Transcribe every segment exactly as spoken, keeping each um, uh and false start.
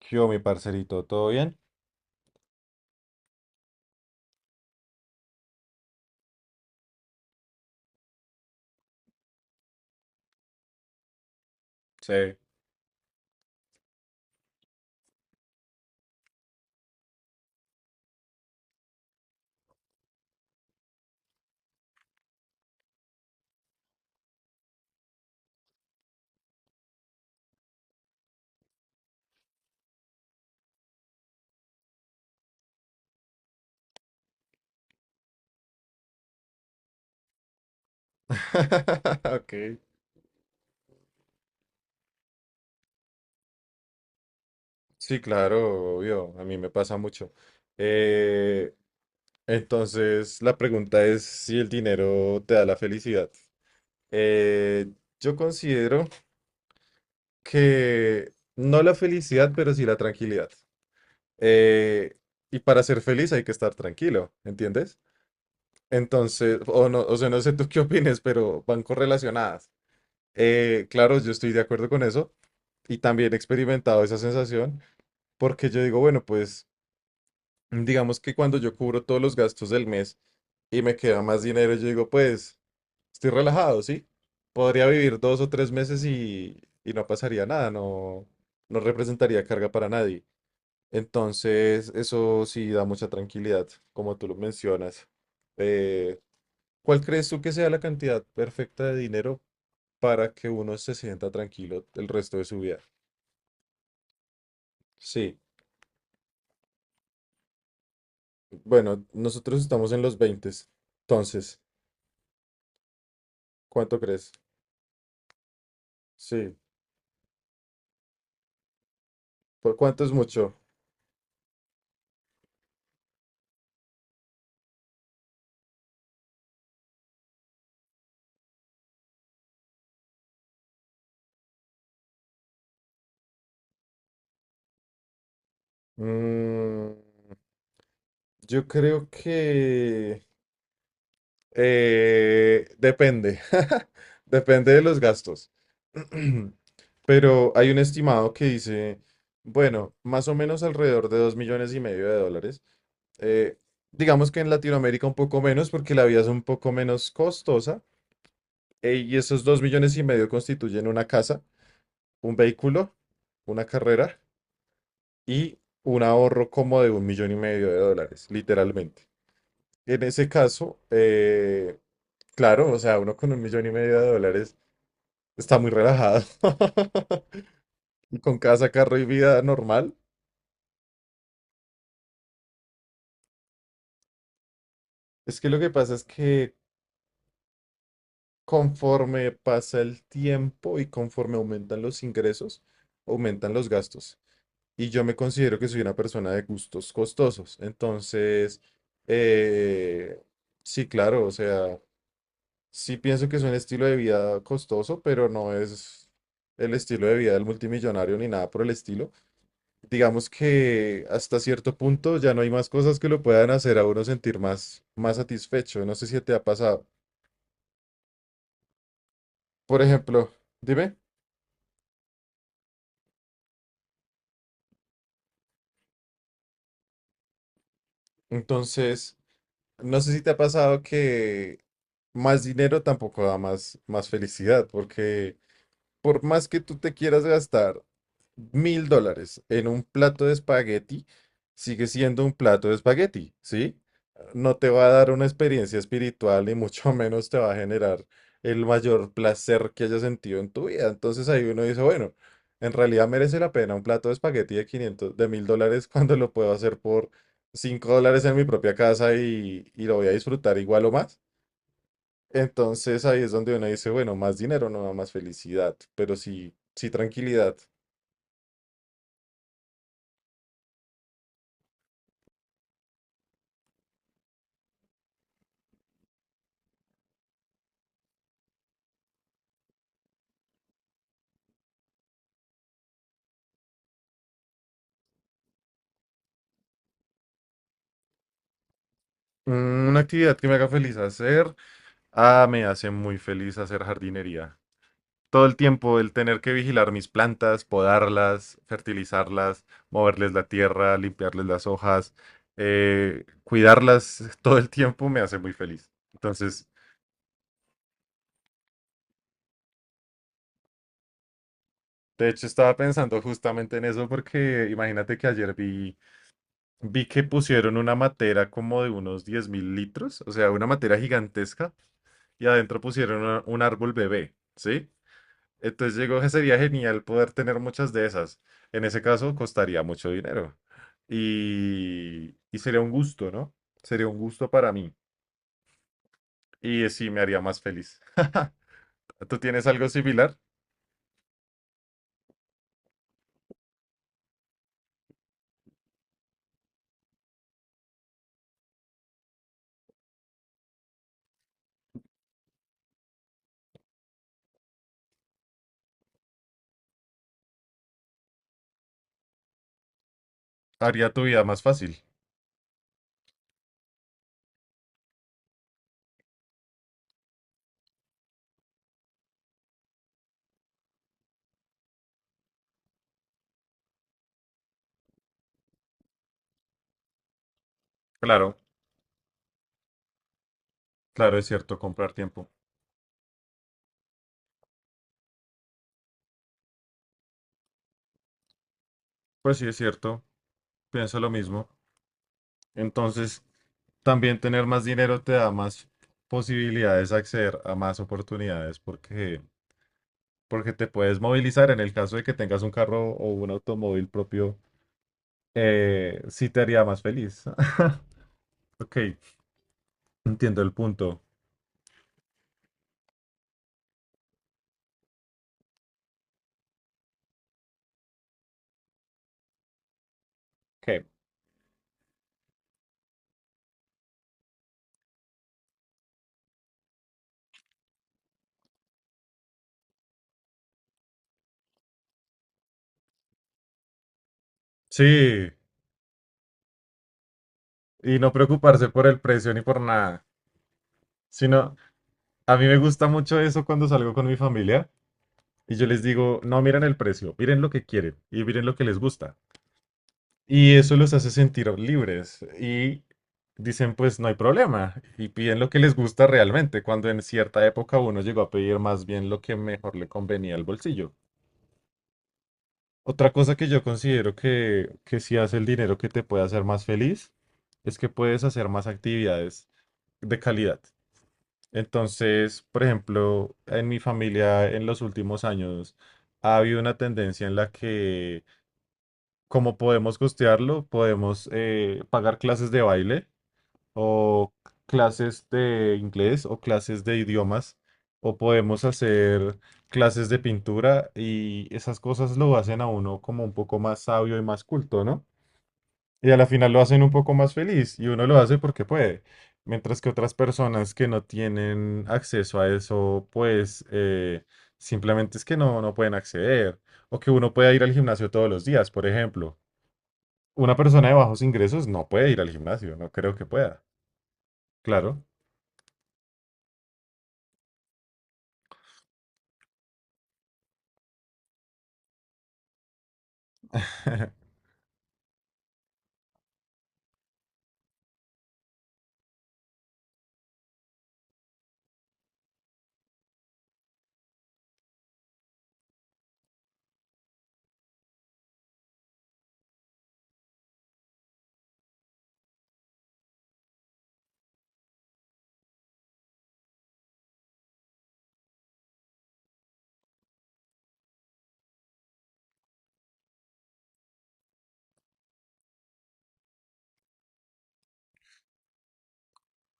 ¿Qué hubo, mi parcerito? ¿Todo bien? Sí. Ok. Sí, claro, obvio, a mí me pasa mucho. Eh, entonces, la pregunta es si el dinero te da la felicidad. Eh, yo considero que no la felicidad, pero sí la tranquilidad. Eh, y para ser feliz hay que estar tranquilo, ¿entiendes? Entonces, o no, o sea, no sé tú qué opines, pero van correlacionadas. Eh, claro, yo estoy de acuerdo con eso y también he experimentado esa sensación porque yo digo, bueno, pues digamos que cuando yo cubro todos los gastos del mes y me queda más dinero, yo digo, pues estoy relajado, ¿sí? Podría vivir dos o tres meses y, y no pasaría nada, no, no representaría carga para nadie. Entonces, eso sí da mucha tranquilidad, como tú lo mencionas. Eh, ¿Cuál crees tú que sea la cantidad perfecta de dinero para que uno se sienta tranquilo el resto de su vida? Sí, bueno, nosotros estamos en los veinte. Entonces, ¿cuánto crees? Sí, ¿por cuánto es mucho? Mm, yo creo que Eh, depende, depende de los gastos. Pero hay un estimado que dice, bueno, más o menos alrededor de dos millones y medio de dólares. Eh, digamos que en Latinoamérica un poco menos porque la vida es un poco menos costosa. Eh, y esos dos millones y medio constituyen una casa, un vehículo, una carrera y un ahorro como de un millón y medio de dólares, literalmente. En ese caso, eh, claro, o sea, uno con un millón y medio de dólares está muy relajado. Con casa, carro y vida normal. Es que lo que pasa es que conforme pasa el tiempo y conforme aumentan los ingresos, aumentan los gastos. Y yo me considero que soy una persona de gustos costosos. Entonces, eh, sí, claro, o sea, sí pienso que es un estilo de vida costoso, pero no es el estilo de vida del multimillonario ni nada por el estilo. Digamos que hasta cierto punto ya no hay más cosas que lo puedan hacer a uno sentir más, más satisfecho. No sé si te ha pasado. Por ejemplo, dime, entonces, no sé si te ha pasado que más dinero tampoco da más, más felicidad, porque por más que tú te quieras gastar mil dólares en un plato de espagueti, sigue siendo un plato de espagueti, ¿sí? No te va a dar una experiencia espiritual y mucho menos te va a generar el mayor placer que hayas sentido en tu vida. Entonces ahí uno dice, bueno, en realidad merece la pena un plato de espagueti de quinientos, de mil dólares cuando lo puedo hacer por cinco dólares en mi propia casa y, y lo voy a disfrutar igual o más. Entonces ahí es donde uno dice, bueno, más dinero no da más felicidad, pero sí, sí tranquilidad. Mm, una actividad que me haga feliz hacer. Ah, me hace muy feliz hacer jardinería. Todo el tiempo el tener que vigilar mis plantas, podarlas, fertilizarlas, moverles la tierra, limpiarles las hojas, eh, cuidarlas todo el tiempo me hace muy feliz. Entonces, de hecho, estaba pensando justamente en eso porque imagínate que ayer vi Vi que pusieron una matera como de unos diez mil litros, o sea, una matera gigantesca, y adentro pusieron una- un árbol bebé, ¿sí? Entonces llegó que sería genial poder tener muchas de esas. En ese caso, costaría mucho dinero. Y, y sería un gusto, ¿no? Sería un gusto para mí. Y eh, sí, me haría más feliz. ¿Tú tienes algo similar? Haría tu vida más fácil. Claro, claro, es cierto, comprar tiempo. Pues sí, es cierto, pienso lo mismo. Entonces, también tener más dinero te da más posibilidades de acceder a más oportunidades porque, porque te puedes movilizar. En el caso de que tengas un carro o un automóvil propio, eh, sí te haría más feliz. Ok, entiendo el punto. Ok. Sí, y no preocuparse por el precio ni por nada, sino a mí me gusta mucho eso cuando salgo con mi familia y yo les digo, no miren el precio, miren lo que quieren y miren lo que les gusta. Y eso los hace sentir libres. Y dicen, pues no hay problema. Y piden lo que les gusta realmente, cuando en cierta época uno llegó a pedir más bien lo que mejor le convenía al bolsillo. Otra cosa que yo considero que, que si hace el dinero que te puede hacer más feliz, es que puedes hacer más actividades de calidad. Entonces, por ejemplo, en mi familia en los últimos años ha habido una tendencia en la que, como podemos costearlo, podemos eh, pagar clases de baile o clases de inglés o clases de idiomas o podemos hacer clases de pintura y esas cosas lo hacen a uno como un poco más sabio y más culto, ¿no? Y a la final lo hacen un poco más feliz y uno lo hace porque puede. Mientras que otras personas que no tienen acceso a eso, pues eh, simplemente es que no, no pueden acceder. O que uno pueda ir al gimnasio todos los días, por ejemplo. Una persona de bajos ingresos no puede ir al gimnasio, no creo que pueda. Claro.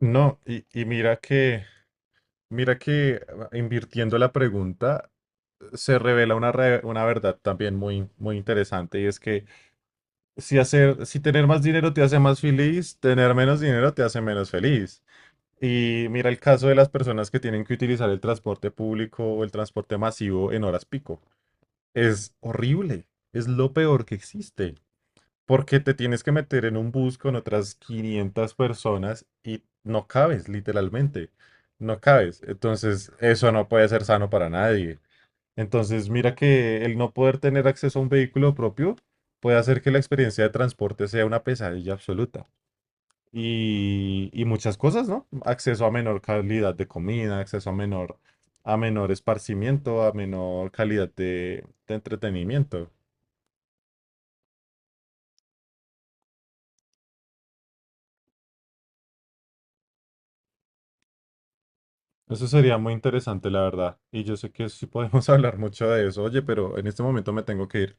No, y, y mira que, mira que ah, invirtiendo la pregunta se revela una, re- una verdad también muy, muy interesante y es que si hacer, si tener más dinero te hace más feliz, tener menos dinero te hace menos feliz. Y mira el caso de las personas que tienen que utilizar el transporte público o el transporte masivo en horas pico. Es horrible, es lo peor que existe. Porque te tienes que meter en un bus con otras quinientas personas y no cabes, literalmente. No cabes. Entonces, eso no puede ser sano para nadie. Entonces, mira que el no poder tener acceso a un vehículo propio puede hacer que la experiencia de transporte sea una pesadilla absoluta. Y, y muchas cosas, ¿no? Acceso a menor calidad de comida, acceso a menor, a menor esparcimiento, a menor calidad de de entretenimiento. Eso sería muy interesante, la verdad. Y yo sé que sí podemos hablar mucho de eso. Oye, pero en este momento me tengo que ir.